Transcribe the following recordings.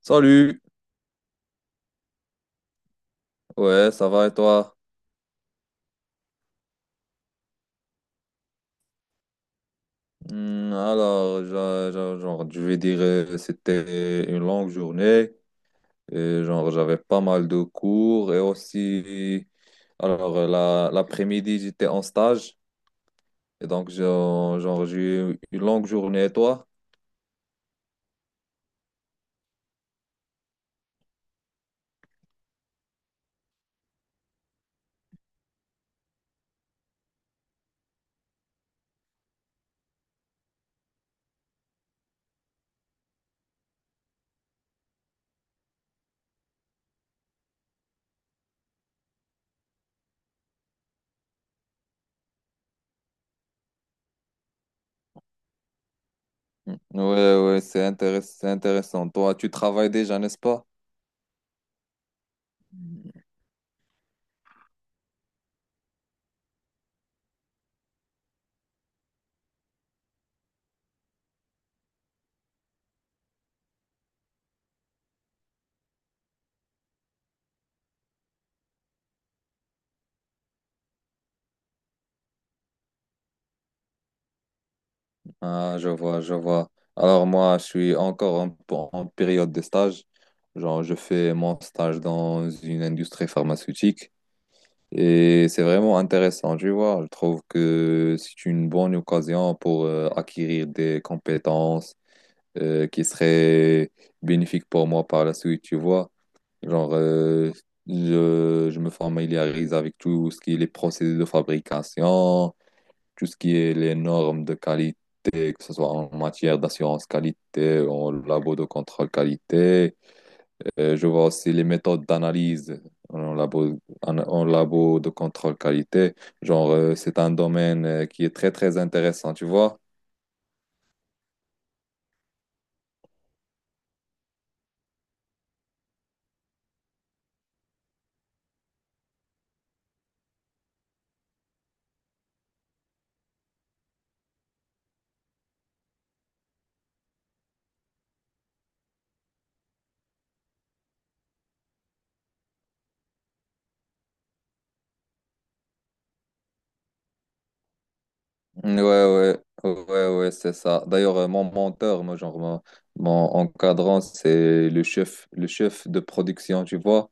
Salut, ouais, ça va et toi? Je vais dire, c'était une longue journée, et j'avais pas mal de cours, et aussi, alors, l'après-midi, j'étais en stage, et donc, j'ai eu une longue journée, et toi? Hmm, ouais, ouais, c'est intéressant. Toi, tu travailles déjà, n'est-ce pas? Ah, je vois, je vois. Alors moi, je suis encore en période de stage. Je fais mon stage dans une industrie pharmaceutique et c'est vraiment intéressant, tu vois. Je trouve que c'est une bonne occasion pour acquérir des compétences qui seraient bénéfiques pour moi par la suite, tu vois. Genre, euh, je me familiarise avec tout ce qui est les procédés de fabrication, tout ce qui est les normes de qualité, que ce soit en matière d'assurance qualité, en labo de contrôle qualité. Je vois aussi les méthodes d'analyse en labo de contrôle qualité. C'est un domaine qui est très, très intéressant, tu vois? Ouais, ouais, ouais, ouais, c'est ça. D'ailleurs, mon menteur, moi, mon encadrant, c'est le chef de production, tu vois?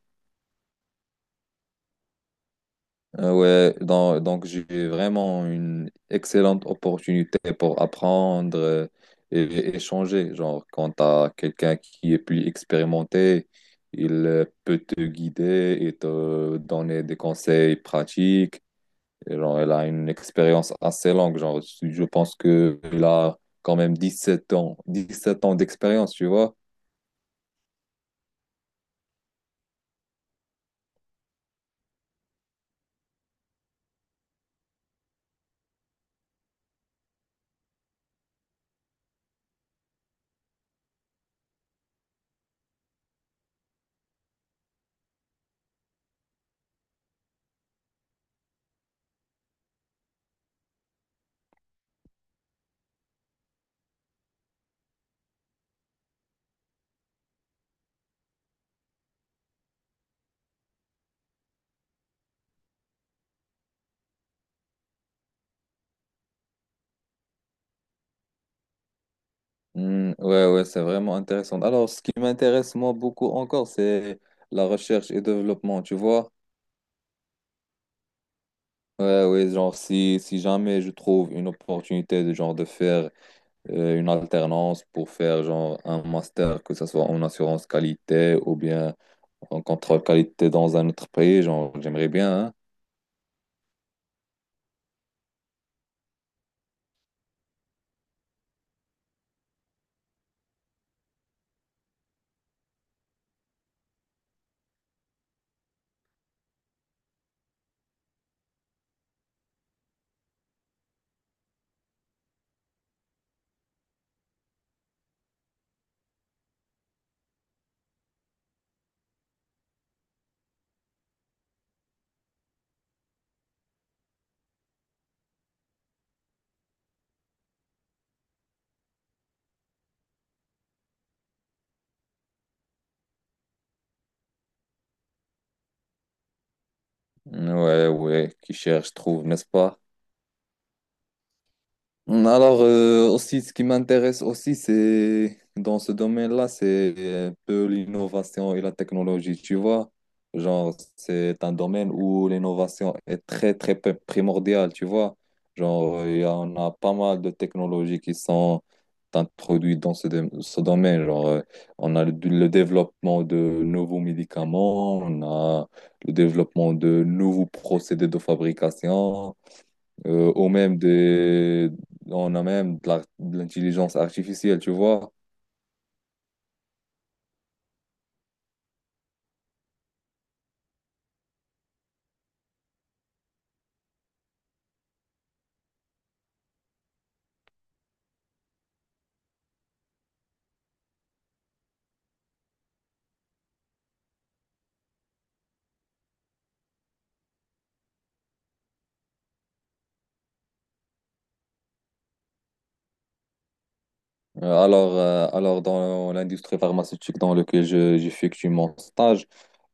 Ouais, donc j'ai vraiment une excellente opportunité pour apprendre et, échanger. Quand tu as quelqu'un qui est plus expérimenté, il peut te guider et te donner des conseils pratiques. Et elle a une expérience assez longue. Je pense qu'il a quand même 17 ans, 17 ans d'expérience, tu vois. Hmm, ouais, ouais, c'est vraiment intéressant. Alors, ce qui m'intéresse moi beaucoup encore, c'est la recherche et développement, tu vois. Ouais, oui, si jamais je trouve une opportunité de faire une alternance pour faire un master, que ce soit en assurance qualité ou bien en contrôle qualité dans un autre pays, j'aimerais bien, hein. Ouais, ouais, qui cherche, trouve, n'est-ce pas? Alors, aussi, ce qui m'intéresse aussi, c'est dans ce domaine-là, c'est un peu l'innovation et la technologie. Tu vois, c'est un domaine où l'innovation est très, très primordiale. Tu vois, il y en a pas mal de technologies qui sont introduites dans ce domaine. On a le développement de nouveaux médicaments, on a le développement de nouveaux procédés de fabrication, euh, ou même des, on a même de l'intelligence artificielle, tu vois. Alors dans l'industrie pharmaceutique dans laquelle j'effectue mon stage,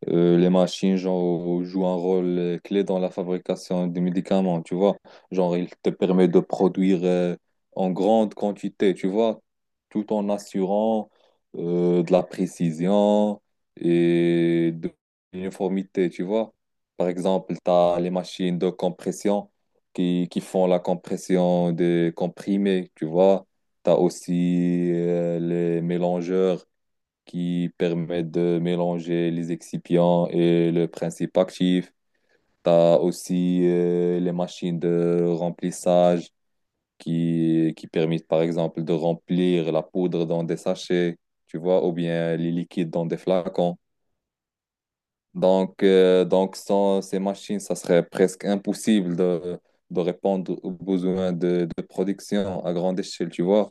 Les machines, jouent un rôle clé dans la fabrication des médicaments, tu vois. Il te permet de produire en grande quantité, tu vois, tout en assurant de la précision et de l'uniformité, tu vois. Par exemple, tu as les machines de compression qui font la compression des comprimés, tu vois. Tu as aussi les mélangeurs qui permet de mélanger les excipients et le principe actif. Tu as aussi les machines de remplissage qui permettent, par exemple, de remplir la poudre dans des sachets, tu vois, ou bien les liquides dans des flacons. Donc, sans ces machines, ça serait presque impossible de répondre aux besoins de production à grande échelle, tu vois.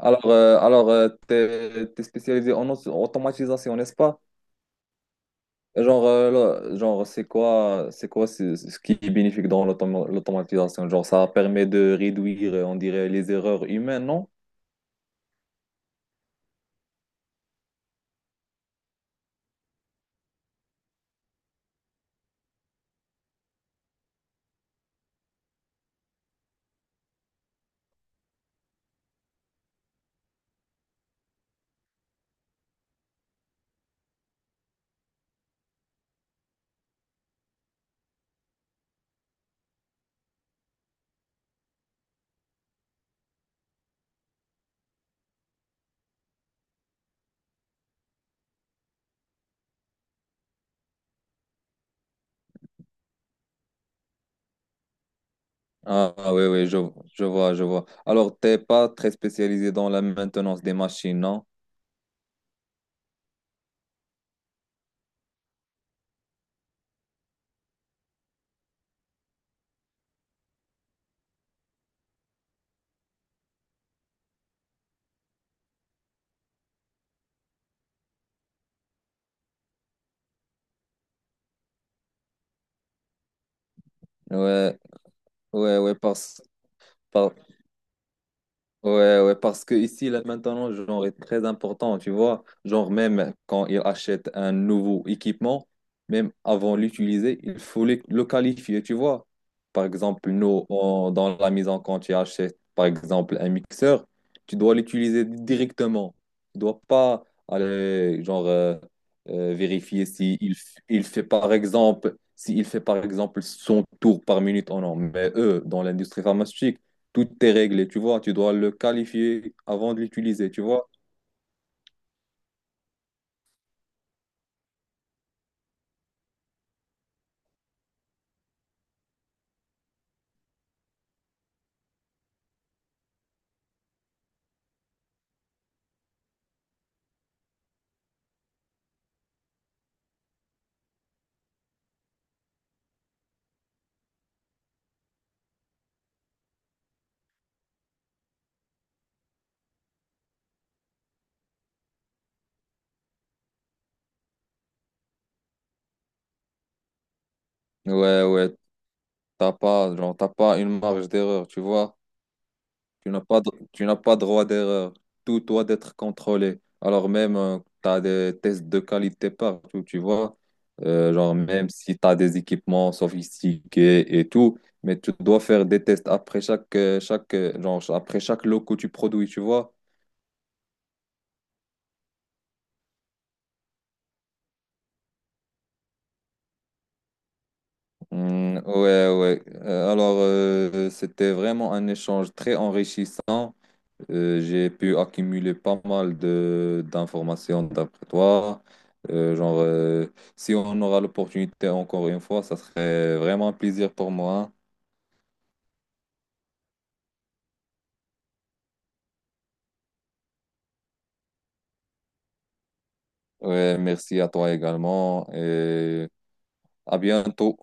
Alors, t'es spécialisé en automatisation, n'est-ce pas? Genre, euh, là, c'est quoi ce qui est bénéfique dans l'automatisation? Ça permet de réduire, on dirait, les erreurs humaines, non? Ah, ah, oui, oui, je vois, je vois. Alors, t'es pas très spécialisé dans la maintenance des machines, non? Ouais, ouais, ouais, par- ouais, ouais, parce que ici, là, maintenant, est très important, tu vois. Même quand ils achètent un nouveau équipement, même avant l'utiliser, il faut le qualifier, tu vois. Par exemple, dans la maison, quand tu achètes, par exemple, un mixeur, tu dois l'utiliser directement. Tu dois pas aller, vérifier si il fait, par exemple, s'il fait, par exemple, son tour par minute ou non. Mais eux, dans l'industrie pharmaceutique, tout est réglé, tu vois, tu dois le qualifier avant de l'utiliser, tu vois. Ouais, ouais, t'as pas, t'as pas une marge d'erreur, tu vois. Tu n'as pas, tu n'as pas droit d'erreur. Tout doit être contrôlé. Alors même, t'as des tests de qualité partout, tu vois. Même si t'as des équipements sophistiqués et tout, mais tu dois faire des tests après après chaque lot que tu produis, tu vois. Mm, ouais, ouais. Alors, c'était vraiment un échange très enrichissant. J'ai pu accumuler pas mal de d'informations d'après toi. Euh, genre, euh, si on aura l'opportunité encore une fois, ça serait vraiment un plaisir pour moi. Ouais, merci à toi également et à bientôt.